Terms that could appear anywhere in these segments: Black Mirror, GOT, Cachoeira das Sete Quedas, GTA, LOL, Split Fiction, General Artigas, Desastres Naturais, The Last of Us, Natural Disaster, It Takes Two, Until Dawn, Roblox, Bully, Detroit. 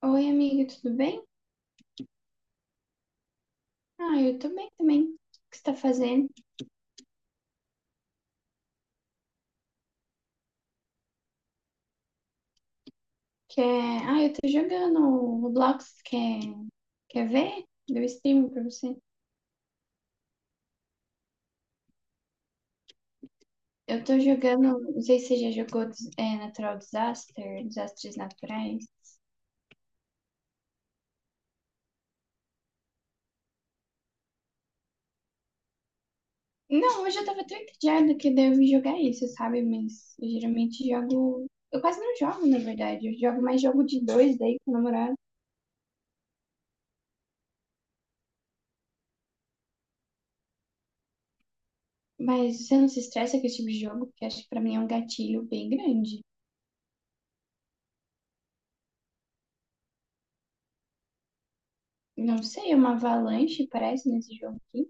Oi, amiga, tudo bem? Ah, eu tô bem também. O que você tá fazendo? Quer... Ah, eu tô jogando o Roblox. Quer... Quer ver? Deu stream pra você. Eu tô jogando, não sei se você já jogou Natural Disaster, Desastres Naturais. Não, hoje eu tava tão entediada que daí eu vim jogar isso, sabe? Mas eu geralmente jogo. Eu quase não jogo, na verdade. Eu jogo mais jogo de dois daí com o namorado. Mas você não se estressa com esse tipo de jogo, porque acho que pra mim é um gatilho bem grande. Não sei, uma avalanche parece nesse jogo aqui.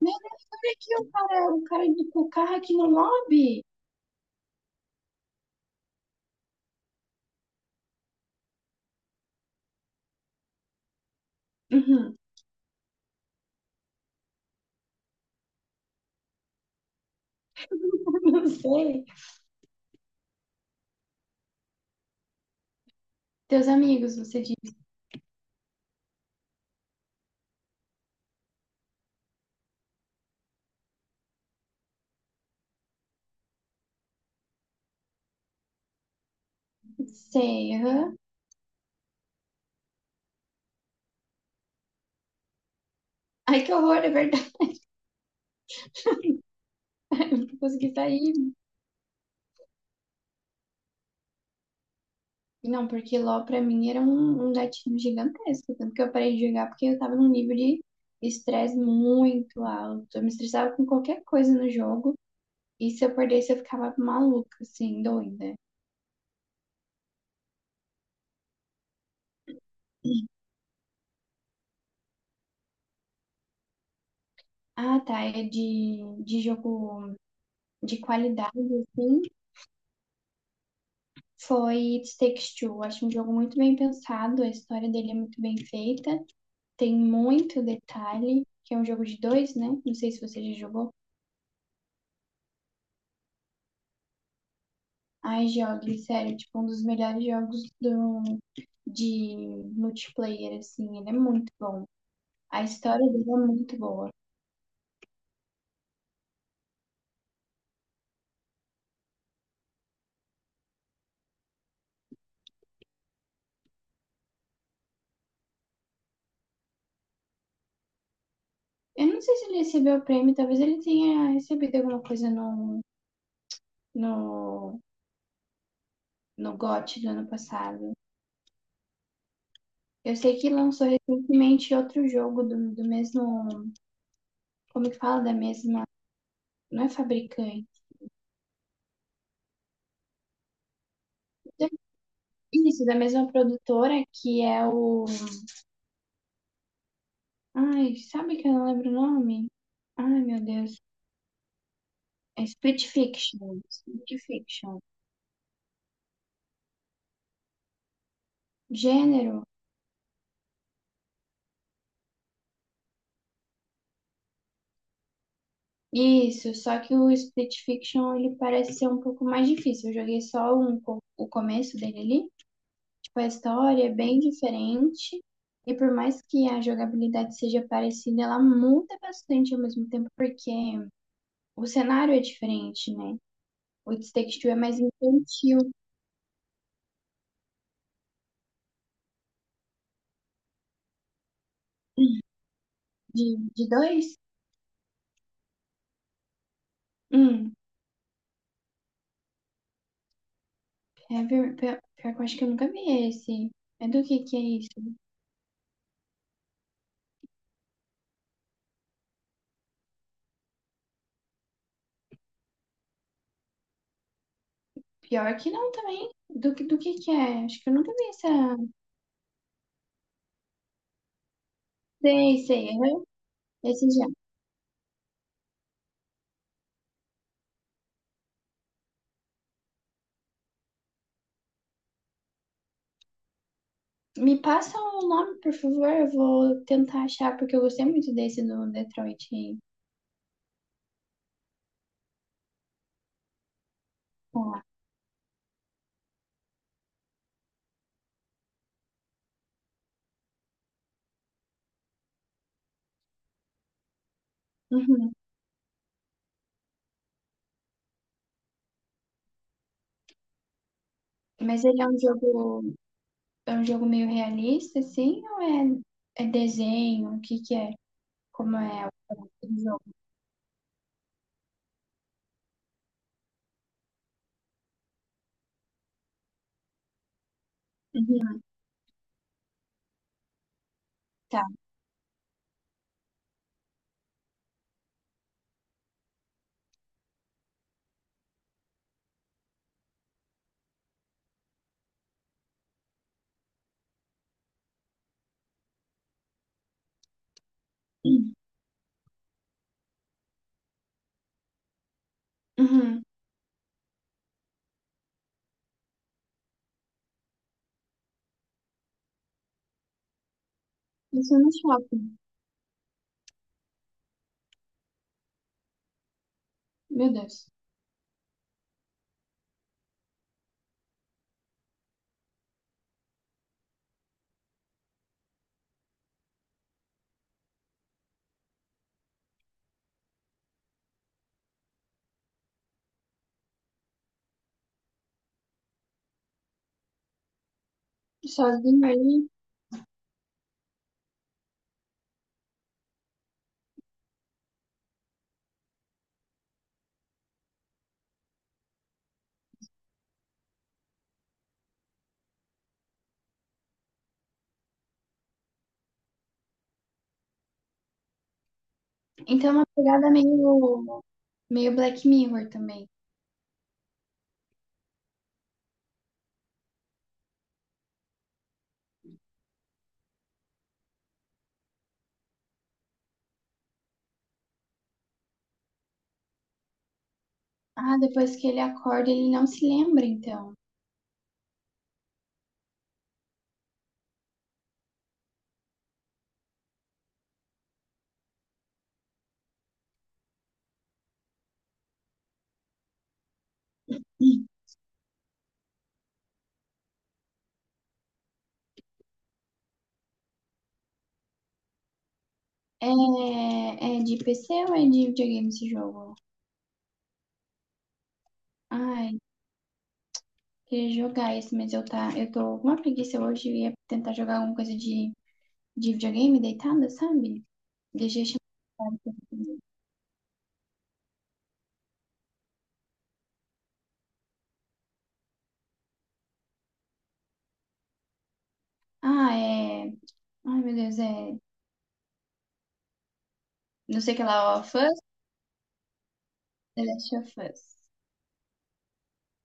Meu, olha aqui o cara do o carro aqui no lobby. Uhum. Não sei. Teus amigos, você disse. Sei, aham. Ai, que horror, é verdade. Eu não consegui sair. Não, porque LOL pra mim era um gatinho gigantesco. Tanto que eu parei de jogar porque eu tava num nível de estresse muito alto. Eu me estressava com qualquer coisa no jogo. E se eu perdesse, eu ficava maluca, assim, doida. Ah, tá. É de jogo de qualidade, assim, foi It Takes Two. Acho um jogo muito bem pensado, a história dele é muito bem feita, tem muito detalhe, que é um jogo de dois, né? Não sei se você já jogou. Ai, jogue, sério, tipo, um dos melhores jogos de multiplayer, assim, ele é muito bom. A história dele é muito boa. Eu não sei se ele recebeu o prêmio, talvez ele tenha recebido alguma coisa no, no GOT do ano passado. Eu sei que lançou recentemente outro jogo do mesmo. Como que fala? Da mesma. Não é fabricante. É isso, da mesma produtora que é o. Ai, sabe que eu não lembro o nome? Ai, meu Deus. É Split Fiction. Split Fiction. Gênero? Isso, só que o Split Fiction ele parece ser um pouco mais difícil. Eu joguei o começo dele ali. Tipo, a história é bem diferente. E por mais que a jogabilidade seja parecida, ela muda bastante ao mesmo tempo, porque o cenário é diferente, né? O It Takes Two é mais infantil. De dois? Hum, pior, pior que eu acho que eu nunca vi esse. É do que é isso? Pior que não também. Do que é? Acho que eu nunca vi essa. Sei, sei, aham. Esse já. Me passa o nome, por favor. Eu vou tentar achar, porque eu gostei muito desse do Detroit aí. Uhum. Mas ele é um jogo meio realista, assim, ou é desenho? O que que é? Como é o jogo? Uhum, tá. Uhum. Isso no shopping. Meu Deus. Sozinho ali. Então é uma pegada meio, meio Black Mirror também. Ah, depois que ele acorda, ele não se lembra, então. É, é de PC ou é de videogame esse jogo? Ai, queria jogar esse, mas eu tô com uma preguiça hoje e ia tentar jogar alguma coisa de videogame deitada, sabe? Deixei chamar. Ah, é. Ai, meu Deus, é. Não sei o que lá, ó. Fuzz? The Last of Us.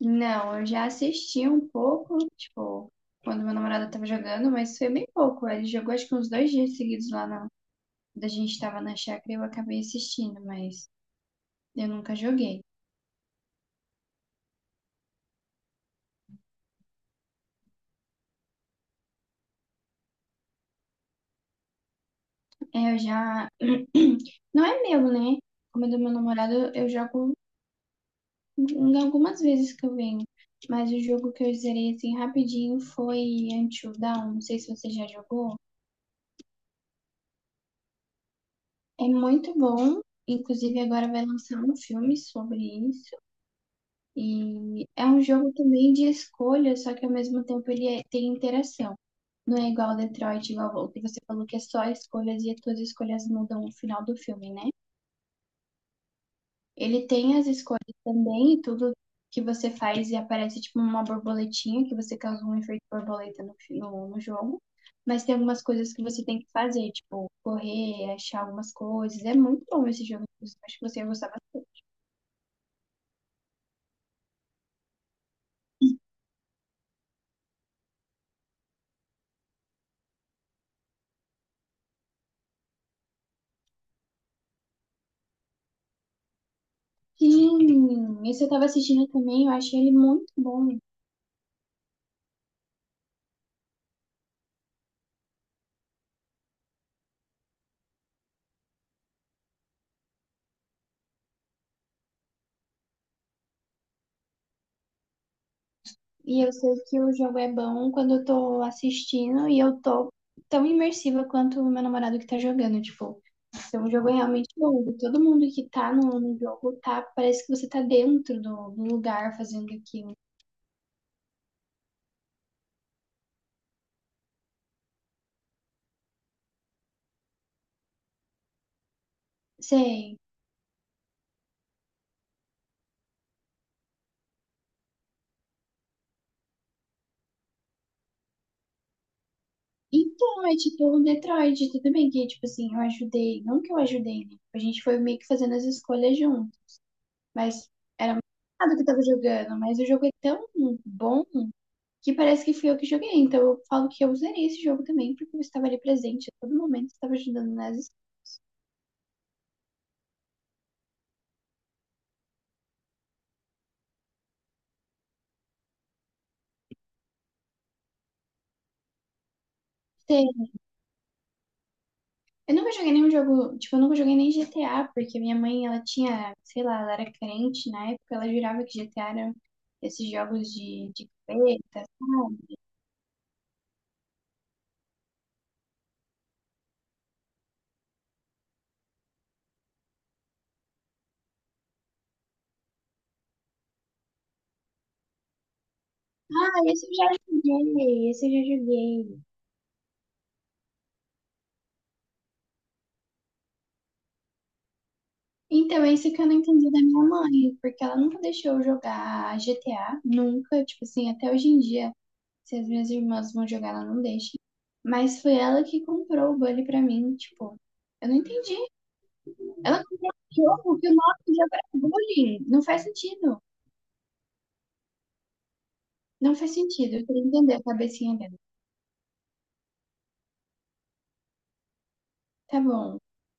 Não, eu já assisti um pouco, tipo, quando meu namorado tava jogando, mas foi bem pouco. Ele jogou acho que uns dois dias seguidos lá na. Quando a gente tava na chácara, e eu acabei assistindo, mas eu nunca joguei. É, eu já. Não é meu, né? Como é do meu namorado, eu jogo em algumas vezes que eu venho. Mas o jogo que eu zerei assim rapidinho foi Until Dawn. Não sei se você já jogou. É muito bom. Inclusive agora vai lançar um filme sobre isso. E é um jogo também de escolha, só que ao mesmo tempo tem interação. Não é igual Detroit, igual o que você falou, que é só escolhas e as suas escolhas mudam o final do filme, né? Ele tem as escolhas também e tudo que você faz e aparece tipo uma borboletinha, que você causa um efeito borboleta no jogo. Mas tem algumas coisas que você tem que fazer, tipo correr, achar algumas coisas. É muito bom esse jogo, inclusive, acho que você ia gostar bastante. Sim, esse eu tava assistindo também, eu achei ele muito bom. E eu sei que o jogo é bom quando eu tô assistindo e eu tô tão imersiva quanto o meu namorado que tá jogando, tipo. Então o jogo é realmente longo. Todo mundo que tá no jogo tá, parece que você tá dentro do lugar fazendo aquilo. Sei. Então, é tipo o Detroit, tudo bem que, tipo assim, eu ajudei. Não que eu ajudei, né? A gente foi meio que fazendo as escolhas junto. Mas nada que eu tava jogando. Mas o jogo é tão bom que parece que fui eu que joguei. Então eu falo que eu zerei esse jogo também, porque eu estava ali presente a todo momento, estava ajudando nas cenas. Eu nunca joguei nenhum jogo, tipo, eu nunca joguei nem GTA, porque minha mãe, ela tinha, sei lá, ela era crente na época, ela jurava que GTA era esses jogos de capeta, sabe? Ah, esse eu já joguei, esse eu já joguei. Então, esse que eu não entendi da minha mãe, porque ela nunca deixou eu jogar GTA, nunca, tipo assim, até hoje em dia. Se as minhas irmãs vão jogar, ela não deixa. Mas foi ela que comprou o Bully pra mim, tipo, eu não entendi. Ela comprou um jogo que o nome já era bullying. Não faz sentido. Não faz sentido. Eu queria entender a cabecinha dela. Tá bom.